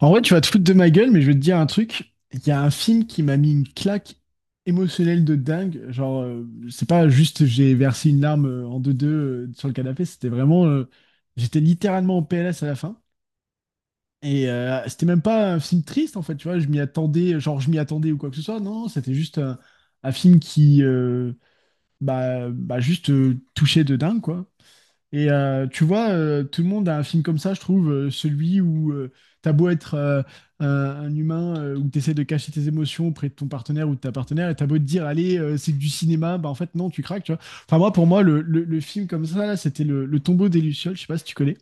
En vrai, tu vas te foutre de ma gueule, mais je vais te dire un truc. Il y a un film qui m'a mis une claque émotionnelle de dingue. Genre, c'est pas juste j'ai versé une larme en deux-deux sur le canapé, c'était vraiment, j'étais littéralement en PLS à la fin. Et c'était même pas un film triste, en fait, tu vois. Je m'y attendais, genre, je m'y attendais ou quoi que ce soit. Non, c'était juste un film qui, juste touchait de dingue, quoi. Et tu vois, tout le monde a un film comme ça, je trouve, celui où t'as beau être un humain, où t'essaies de cacher tes émotions auprès de ton partenaire ou de ta partenaire, et t'as beau te dire, allez, c'est que du cinéma, bah en fait, non, tu craques, tu vois. Enfin, moi, pour moi, le film comme ça, là, c'était le Tombeau des Lucioles, je sais pas si tu connais.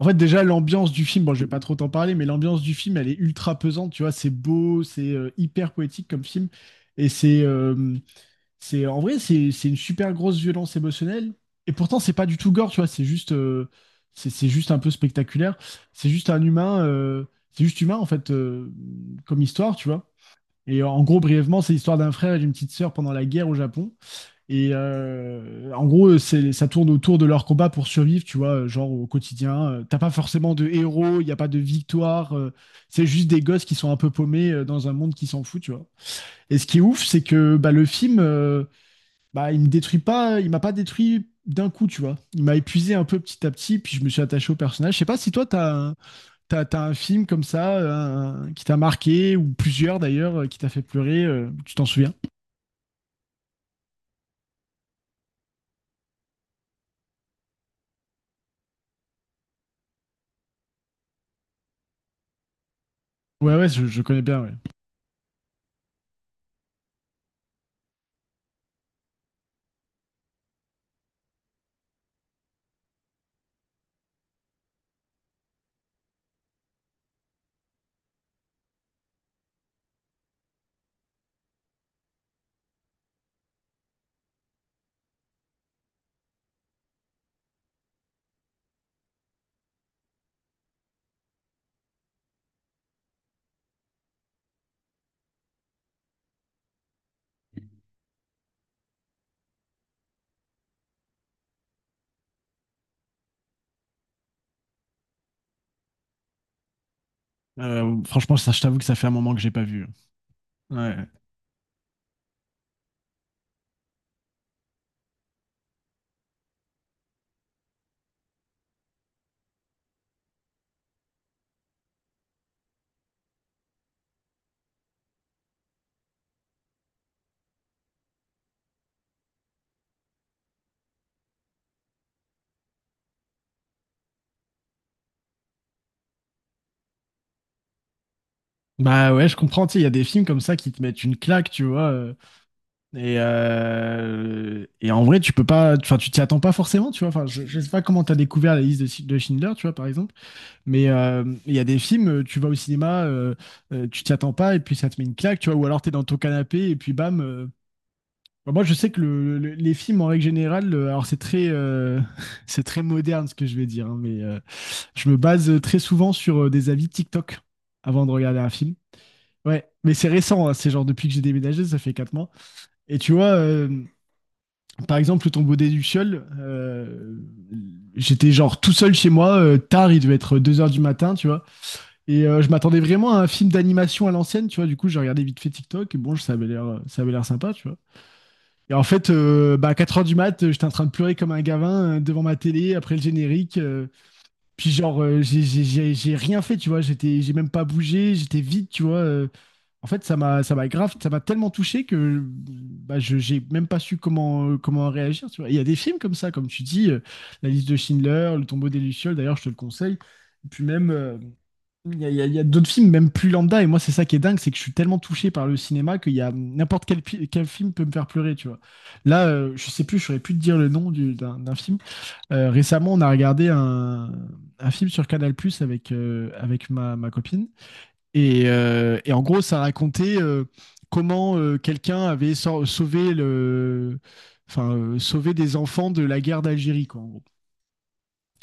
En fait, déjà, l'ambiance du film, bon, je vais pas trop t'en parler, mais l'ambiance du film, elle est ultra pesante, tu vois, c'est beau, c'est hyper poétique comme film, et c'est, c'est, en vrai, c'est une super grosse violence émotionnelle. Et pourtant, c'est pas du tout gore, tu vois. C'est juste, c'est juste un peu spectaculaire. C'est juste un humain, c'est juste humain en fait, comme histoire, tu vois. Et en gros, brièvement, c'est l'histoire d'un frère et d'une petite sœur pendant la guerre au Japon. Et en gros, c'est, ça tourne autour de leur combat pour survivre, tu vois, genre au quotidien. T'as pas forcément de héros, il n'y a pas de victoire. C'est juste des gosses qui sont un peu paumés dans un monde qui s'en fout, tu vois. Et ce qui est ouf, c'est que bah, le film, il me détruit pas, il m'a pas détruit d'un coup, tu vois. Il m'a épuisé un peu petit à petit, puis je me suis attaché au personnage. Je sais pas si toi, t'as un film comme ça qui t'a marqué, ou plusieurs d'ailleurs, qui t'a fait pleurer, tu t'en souviens? Ouais, ouais, je connais bien, ouais. Franchement, ça, je t'avoue que ça fait un moment que j'ai pas vu, hein. Ouais. Bah ouais, je comprends, tu sais, il y a des films comme ça qui te mettent une claque, tu vois. Et en vrai, tu peux pas, enfin, tu t'y attends pas forcément, tu vois. Enfin, je sais pas comment t'as découvert la liste de Schindler, tu vois, par exemple. Mais il y a des films, tu vas au cinéma, tu t'y attends pas et puis ça te met une claque, tu vois, ou alors t'es dans ton canapé et puis bam. Bon, moi, je sais que les films en règle générale, alors c'est très, c'est très moderne ce que je vais dire, hein, mais je me base très souvent sur des avis TikTok avant de regarder un film. Ouais, mais c'est récent, hein, c'est genre depuis que j'ai déménagé, ça fait 4 mois. Et tu vois, par exemple, le Tombeau des Lucioles, j'étais genre tout seul chez moi, tard, il devait être 2 heures du matin, tu vois. Et je m'attendais vraiment à un film d'animation à l'ancienne, tu vois. Du coup, j'ai regardé vite fait TikTok et bon, ça avait l'air sympa, tu vois. Et en fait, à 4 h du mat, j'étais en train de pleurer comme un gavin devant ma télé après le générique. Puis genre, j'ai rien fait, tu vois. J'ai même pas bougé, j'étais vide, tu vois. En fait, ça m'a tellement touché que bah, j'ai même pas su comment, comment réagir, tu vois. Il y a des films comme ça, comme tu dis, La liste de Schindler, Le Tombeau des Lucioles, d'ailleurs, je te le conseille. Et puis même. Il y a, il y a- il y a d'autres films, même plus lambda, et moi, c'est ça qui est dingue, c'est que je suis tellement touché par le cinéma qu'il y a n'importe quel film peut me faire pleurer, tu vois. Là, je sais plus, je saurais plus te dire le nom d'un film. Récemment, on a regardé un film sur Canal+ avec avec ma copine, et en gros, ça racontait comment quelqu'un avait sauvé enfin, sauvé des enfants de la guerre d'Algérie, quoi, en gros,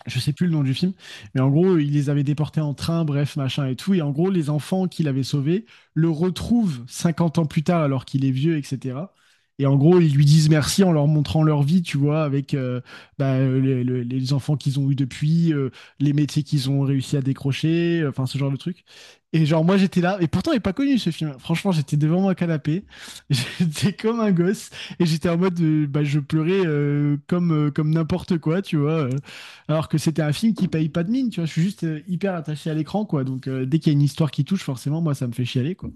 je sais plus le nom du film, mais en gros, il les avait déportés en train, bref, machin et tout. Et en gros, les enfants qu'il avait sauvés le retrouvent 50 ans plus tard alors qu'il est vieux, etc. Et en gros, ils lui disent merci en leur montrant leur vie, tu vois, avec les enfants qu'ils ont eus depuis, les métiers qu'ils ont réussi à décrocher, enfin ce genre de truc. Et genre, moi j'étais là, et pourtant il n'est pas connu ce film. Franchement, j'étais devant mon canapé, j'étais comme un gosse, et j'étais en mode, je pleurais comme n'importe quoi, tu vois. Alors que c'était un film qui paye pas de mine, tu vois. Je suis juste hyper attaché à l'écran, quoi. Donc dès qu'il y a une histoire qui touche, forcément, moi, ça me fait chialer, quoi.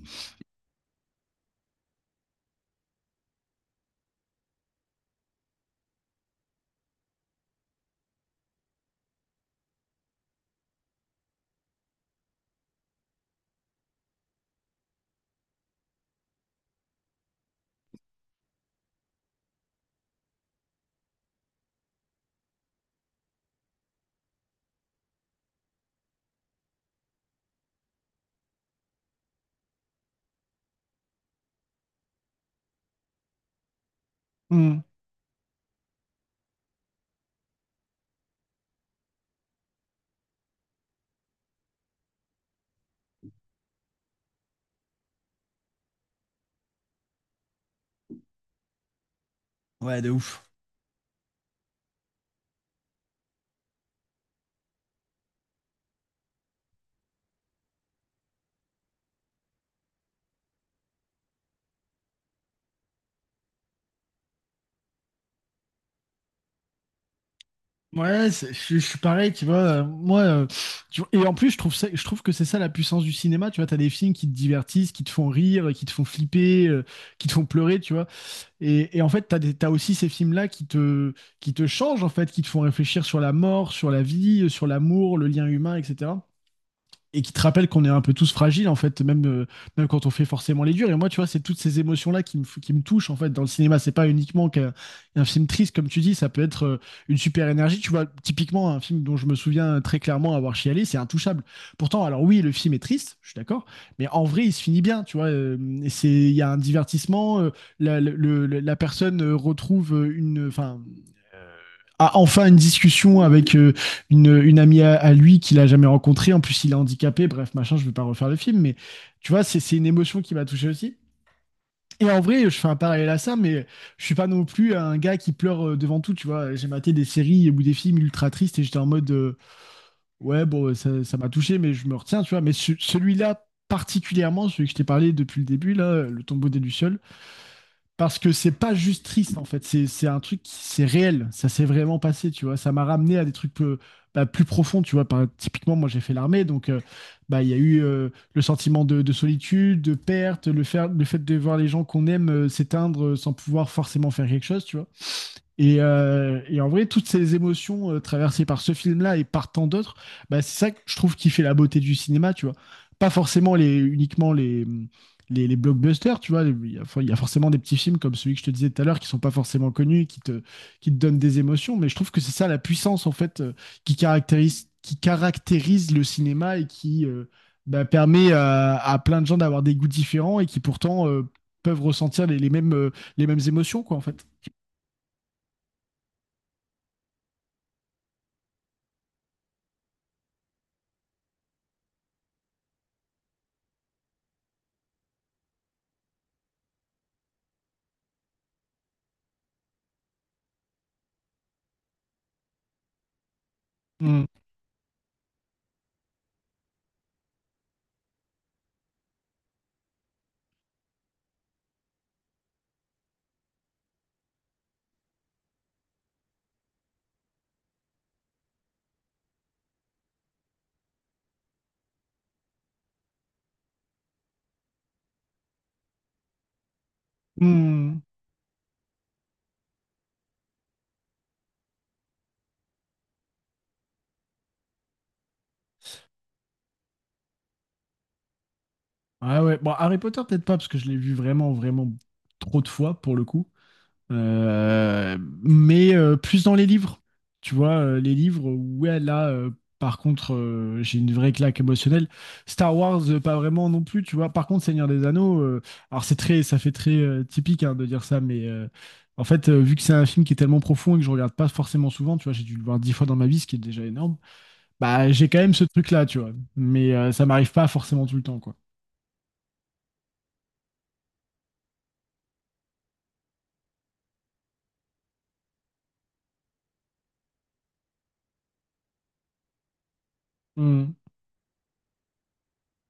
Mm. Ouais, de ouf. Ouais, je suis pareil, tu vois. Moi, tu vois, et en plus, je trouve ça, je trouve que c'est ça la puissance du cinéma. Tu vois, t'as des films qui te divertissent, qui te font rire, qui te font flipper, qui te font pleurer, tu vois. Et en fait, t'as aussi ces films-là qui te, changent, en fait, qui te font réfléchir sur la mort, sur la vie, sur l'amour, le lien humain, etc. Et qui te rappelle qu'on est un peu tous fragiles, en fait, même même quand on fait forcément les durs. Et moi, tu vois, c'est toutes ces émotions là qui me touchent, en fait, dans le cinéma. C'est pas uniquement qu'un un film triste, comme tu dis, ça peut être une super énergie, tu vois. Typiquement, un film dont je me souviens très clairement avoir chialé, c'est Intouchable. Pourtant, alors, oui, le film est triste, je suis d'accord, mais en vrai, il se finit bien, tu vois, et c'est, il y a un divertissement, la, le- la personne retrouve, une enfin a enfin une discussion avec une amie à lui qu'il a jamais rencontrée. En plus, il est handicapé. Bref, machin, je ne vais pas refaire le film, mais tu vois, c'est une émotion qui m'a touché aussi. Et en vrai, je fais un parallèle à ça, mais je suis pas non plus un gars qui pleure devant tout, tu vois. J'ai maté des séries ou des films ultra tristes et j'étais en mode, ouais, bon, ça m'a touché, mais je me retiens, tu vois. Mais celui-là, particulièrement, celui que je t'ai parlé depuis le début, là, Le Tombeau des Lucioles, parce que c'est pas juste triste, en fait, c'est un truc qui, c'est réel, ça s'est vraiment passé, tu vois, ça m'a ramené à des trucs plus, bah, plus profonds, tu vois. Par, typiquement, moi j'ai fait l'armée, donc bah il y a eu le sentiment de solitude, de perte, le, faire, le fait de voir les gens qu'on aime s'éteindre sans pouvoir forcément faire quelque chose, tu vois. Et en vrai, toutes ces émotions traversées par ce film-là et par tant d'autres, bah, c'est ça que je trouve qui fait la beauté du cinéma, tu vois. Pas forcément les, uniquement les blockbusters, tu vois. Il y a, il y a forcément des petits films comme celui que je te disais tout à l'heure qui sont pas forcément connus, et qui te donnent des émotions, mais je trouve que c'est ça la puissance, en fait, qui caractérise le cinéma et qui bah, permet à plein de gens d'avoir des goûts différents et qui pourtant peuvent ressentir les mêmes, les mêmes émotions, quoi, en fait. Hmm. Ah ouais. Bon, Harry Potter, peut-être pas, parce que je l'ai vu vraiment, vraiment trop de fois pour le coup. Euh, mais plus dans les livres. Tu vois, les livres, ouais, là, par contre, j'ai une vraie claque émotionnelle. Star Wars, pas vraiment non plus, tu vois. Par contre, Seigneur des Anneaux, alors c'est très, ça fait très typique, hein, de dire ça, mais en fait, vu que c'est un film qui est tellement profond et que je regarde pas forcément souvent, tu vois, j'ai dû le voir 10 fois dans ma vie, ce qui est déjà énorme, bah j'ai quand même ce truc-là, tu vois. Mais ça m'arrive pas forcément tout le temps, quoi. Hmm.